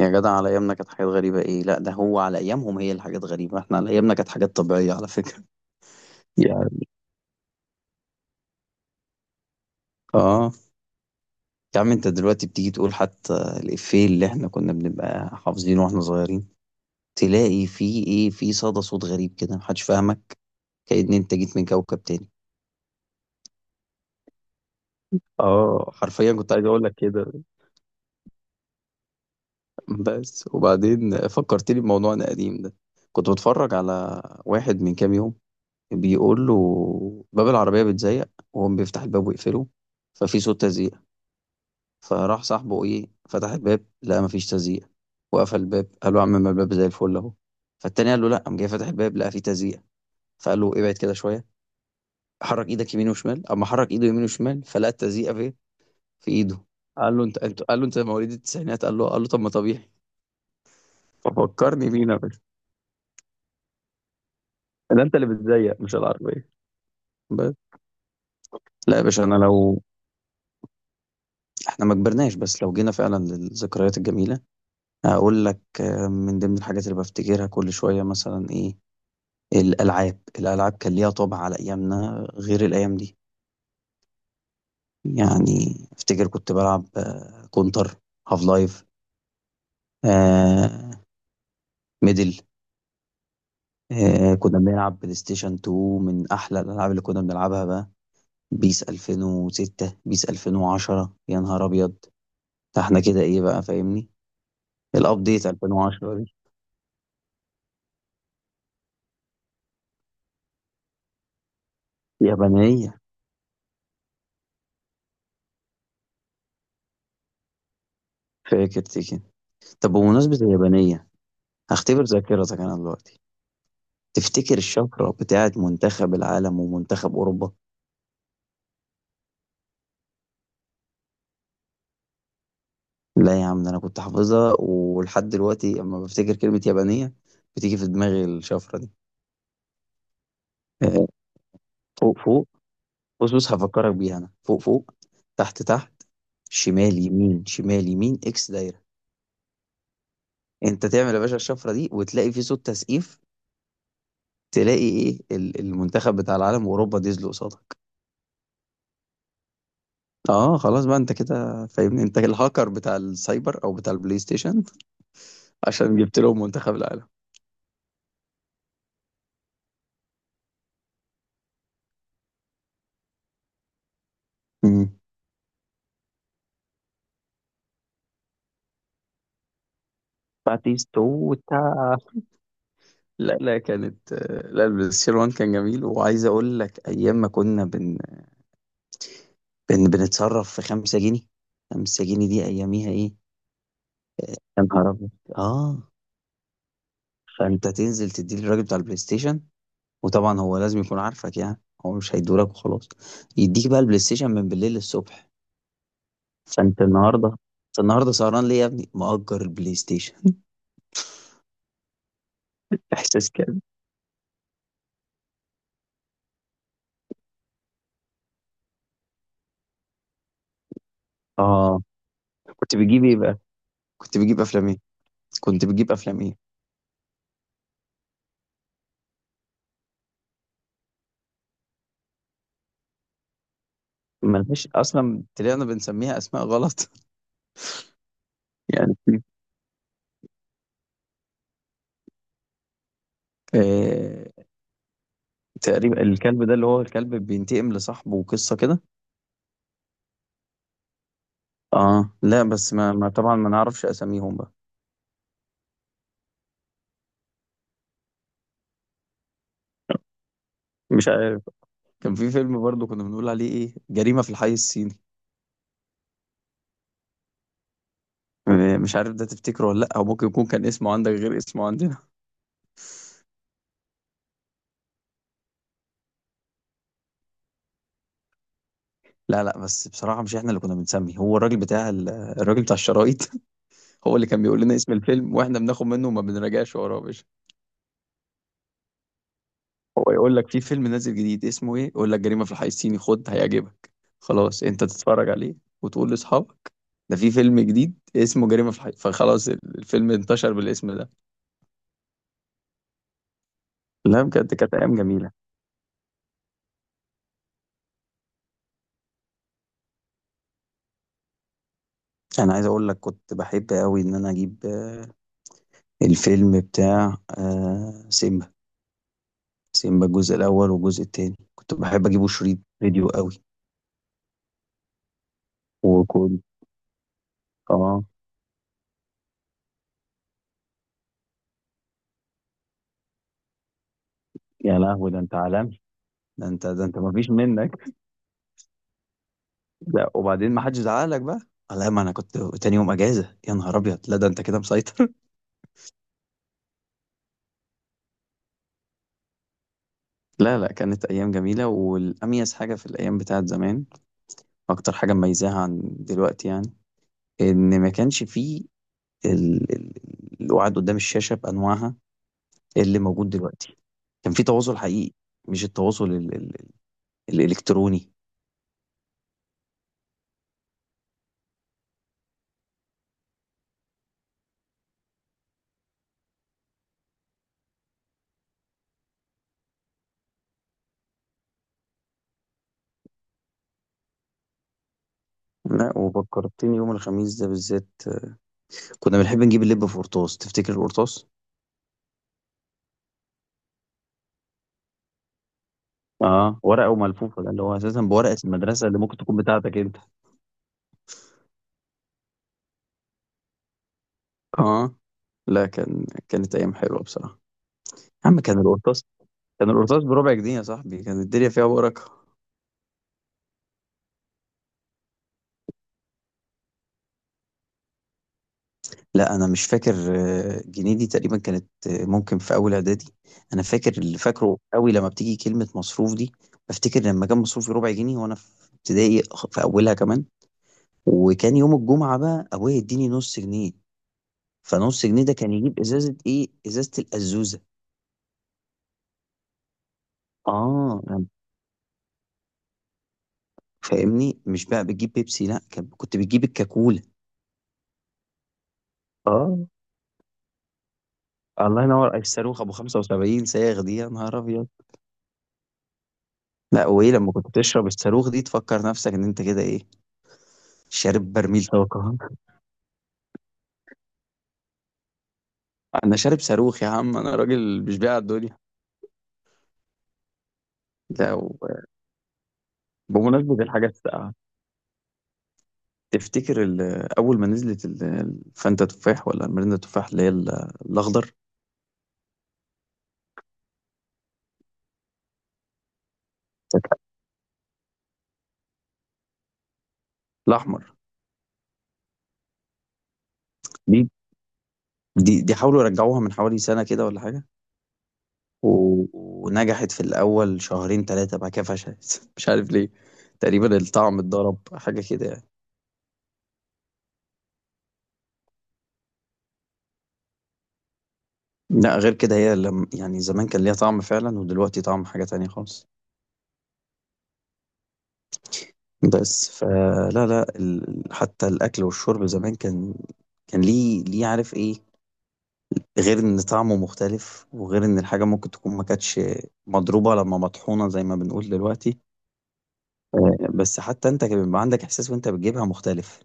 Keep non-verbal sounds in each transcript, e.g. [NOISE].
يا جدع، على ايامنا كانت حاجات غريبة ايه؟ لا، ده هو على ايامهم هي الحاجات غريبة، احنا على ايامنا كانت حاجات طبيعية على فكرة. [LAUGHS] يعني اه، يا عم انت دلوقتي بتيجي تقول حتى الإفيه اللي احنا كنا بنبقى حافظينه واحنا صغيرين، تلاقي فيه ايه؟ في صدى صوت غريب كده، محدش فاهمك، كأن انت جيت من كوكب تاني. اه حرفيا كنت عايز اقول لك كده. بس وبعدين فكرتني بموضوعنا القديم ده، كنت بتفرج على واحد من كام يوم بيقول له باب العربية بيتزيق وهو بيفتح الباب ويقفله، ففي صوت تزييق، فراح صاحبه ايه فتح الباب لقى مفيش تزييق، وقفل الباب قال له يا عم ما الباب زي الفل اهو. فالتاني قال له لا، قام جاي فاتح الباب لقى فيه تزييق، فقال له ابعد كده شوية، حرك ايدك يمين وشمال. اما حرك ايده يمين وشمال فلقى التزييق فين؟ في ايده. قال له انت انت، قال له انت مواليد التسعينات، قال له قال له طب ما طبيعي. ففكرني بينا يا باشا، ده انت اللي بتزيق مش العربية. بس لا يا باشا انا لو احنا ما كبرناش، بس لو جينا فعلا للذكريات الجميلة أقول لك من ضمن الحاجات اللي بفتكرها كل شوية مثلا إيه؟ الألعاب، كان ليها طابع على أيامنا غير الأيام دي. يعني أفتكر كنت بلعب كونتر، هاف لايف، آه، ميدل، كنا بنلعب بلاي ستيشن 2، من أحلى الألعاب اللي كنا بنلعبها بقى. بيس 2006، بيس 2010، يا نهار أبيض، ده إحنا كده إيه بقى فاهمني، الأبديت 2010 دي يابانية. فاكر تيكن؟ طب بمناسبة اليابانية، هختبر ذاكرتك أنا دلوقتي، تفتكر الشفرة بتاعت منتخب العالم ومنتخب أوروبا؟ لا يا عم، ده أنا كنت حافظها ولحد دلوقتي لما بفتكر كلمة يابانية بتيجي في دماغي الشفرة دي. آه، فوق فوق، بص بص هفكرك بيها أنا. فوق فوق، تحت تحت، شمال يمين شمال يمين، إكس دايرة. أنت تعمل يا باشا الشفرة دي وتلاقي في صوت تسقيف، تلاقي إيه المنتخب بتاع العالم وأوروبا ديزل قصادك. اه خلاص بقى، انت كده فاهمني، انت الهاكر بتاع السايبر او بتاع البلاي ستيشن، عشان جبت لهم منتخب العالم. باتيستوتا. لا كانت، لا البلايستيشن 1 كان جميل. وعايز اقول لك ايام ما كنا بنتصرف في 5 جنيه. 5 جنيه دي اياميها ايه، يا نهار ابيض. اه، فانت تنزل تديه للراجل بتاع البلاي ستيشن، وطبعا هو لازم يكون عارفك، يعني هو مش هيدولك وخلاص، يديك بقى البلاي ستيشن من بالليل للصبح. فانت النهارده، انت النهارده سهران ليه يا ابني؟ مأجر البلاي ستيشن. [LAUGHS] احساس كده. اه، كنت بتجيب ايه بقى؟ كنت بتجيب افلام ايه؟ كنت بتجيب افلام ايه؟ ملهاش اصلا، طلعنا بنسميها اسماء غلط. [LAUGHS] يعني آه، تقريبا الكلب ده اللي هو الكلب بينتقم لصاحبه وقصه كده. اه، لا بس ما طبعا ما نعرفش اساميهم بقى، مش عارف. كان في فيلم برضه كنا بنقول عليه ايه، جريمه في الحي الصيني. مش عارف ده تفتكره ولا لا، او ممكن يكون كان اسمه عندك غير اسمه عندنا. لا بس بصراحه، مش احنا اللي كنا بنسمي، هو الراجل بتاع الراجل بتاع الشرايط. [LAUGHS] هو اللي كان بيقول لنا اسم الفيلم واحنا بناخد منه وما بنراجعش وراه يا باشا. هو يقول لك في فيلم نازل جديد، اسمه ايه؟ يقول لك جريمة في الحي الصيني، خد هيعجبك. خلاص انت تتفرج عليه وتقول لاصحابك ده في فيلم جديد اسمه جريمة في الحي، فخلاص الفيلم انتشر بالاسم ده. لا بجد كانت ايام جميلة. انا عايز اقول لك كنت بحب قوي ان انا اجيب الفيلم بتاع سيمبا. سيمبا الجزء الاول والجزء التاني كنت بحب اجيبه شريط فيديو قوي. وكنت، اه، يا لهوي ده انت عالمي، ده انت، ده انت ما فيش منك. لا وبعدين ما حدش زعق لك بقى؟ لا ما انا كنت تاني يوم اجازه، يا نهار ابيض، لا ده انت كده مسيطر. [LAUGHS] لا لا، كانت ايام جميله. والاميز حاجه في الايام بتاعت زمان، اكتر حاجه مميزاها عن دلوقتي يعني، ان ما كانش فيه ال... ال... القعاد قدام الشاشه بانواعها اللي موجود دلوقتي. كان في تواصل حقيقي، مش التواصل الالكتروني. لا وفكرتني، يوم الخميس ده بالذات كنا بنحب نجيب اللب في قرطاس. تفتكر القرطاس؟ اه، ورقه وملفوفه، ده اللي هو اساسا بورقه المدرسه اللي ممكن تكون بتاعتك انت. اه لا كان، كانت ايام حلوه بصراحه. يا عم كان القرطاس، كان القرطاس بربع جنيه يا صاحبي، كانت الدنيا فيها بركه. لا انا مش فاكر، جنيه دي تقريبا كانت، ممكن في اول اعدادي. انا فاكر اللي فاكره قوي لما بتيجي كلمه مصروف دي، بفتكر لما كان مصروفي ربع جنيه وانا في ابتدائي، في اولها كمان. وكان يوم الجمعه بقى ابويا يديني نص جنيه، فنص جنيه ده كان يجيب ازازه ايه، ازازه الازوزه. اه فاهمني، مش بقى بتجيب بيبسي، لا كان- كنت بتجيب الكاكولا. اه الله ينور، الصاروخ ابو 75 صاغ دي، يا نهار ابيض. لا وايه لما كنت تشرب الصاروخ دي، تفكر نفسك ان انت كده ايه، شارب برميل طاقه. [LAUGHS] انا شارب صاروخ يا عم، انا راجل مش بيع الدنيا. لا و- بمناسبه الحاجات الساقعه، تفتكر اول ما نزلت الفانتا تفاح ولا المريندا تفاح، اللي هي الاخضر. الاحمر دي، دي حاولوا يرجعوها من حوالي سنه كده ولا حاجه، و- ونجحت في الاول شهرين ثلاثه، بعد كده فشلت، [LAUGHS] مش عارف ليه، تقريبا الطعم اتضرب حاجه كده يعني. لأ غير كده، هي لم يعني زمان كان ليها طعم فعلًا، ودلوقتي طعم حاجة تانية خالص. بس فلا، لأ لا، ال حتى الأكل والشرب زمان كان، كان ليه ليه عارف إيه، غير إن طعمه مختلف، وغير إن الحاجة ممكن تكون ما كانتش مضروبة لمّا مطحونة زي ما بنقول دلوقتي، بس حتى أنت كان بيبقى عندك إحساس وأنت بتجيبها مختلف.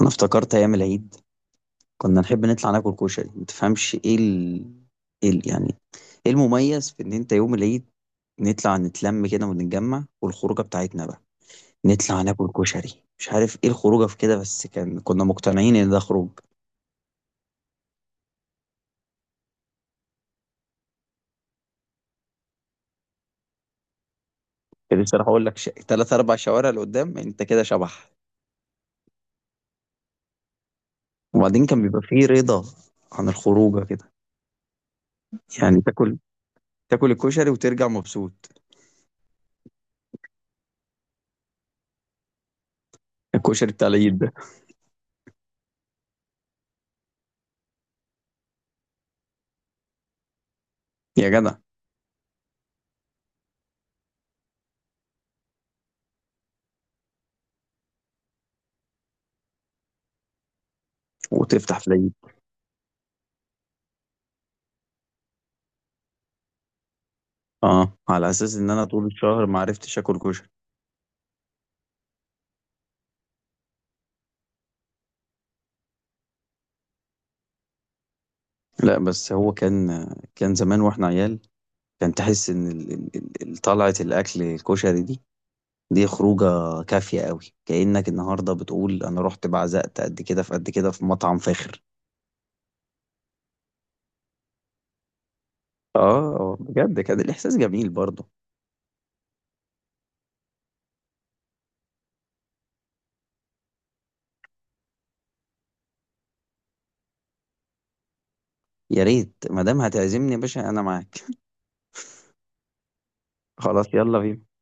أنا افتكرت أيام العيد كنا نحب نطلع ناكل كشري. ما تفهمش ايه ايه يعني ايه المميز في ان انت يوم العيد نطلع نتلم كده ونتجمع والخروجه بتاعتنا بقى نطلع ناكل كشري. مش عارف ايه الخروجه في كده، بس كان كنا مقتنعين ان ده خروج. كنت لسه هقول لك تلات اربع شوارع لقدام انت كده شبح. وبعدين كان بيبقى فيه رضا عن الخروجه كده، يعني تاكل، تاكل الكشري وترجع مبسوط. الكشري بتاع العيد ده، يا جدع. وتفتح في العيد، اه، على اساس ان انا طول الشهر ما عرفتش اكل كشري. لأ، بس هو كان، كان زمان وإحنا عيال، كان تحس إن ال ال ال ال طلعة الأكل الكشري دي، دي خروجة كافية أوي، كأنك النهارده بتقول أنا رُحت بعزقت قد كده في قد كده في مطعم فاخر. بجد كان الإحساس جميل برضه. يا ريت ما دام هتعزمني يا باشا أنا معاك. [LAUGHS] خلاص يالّا بينا.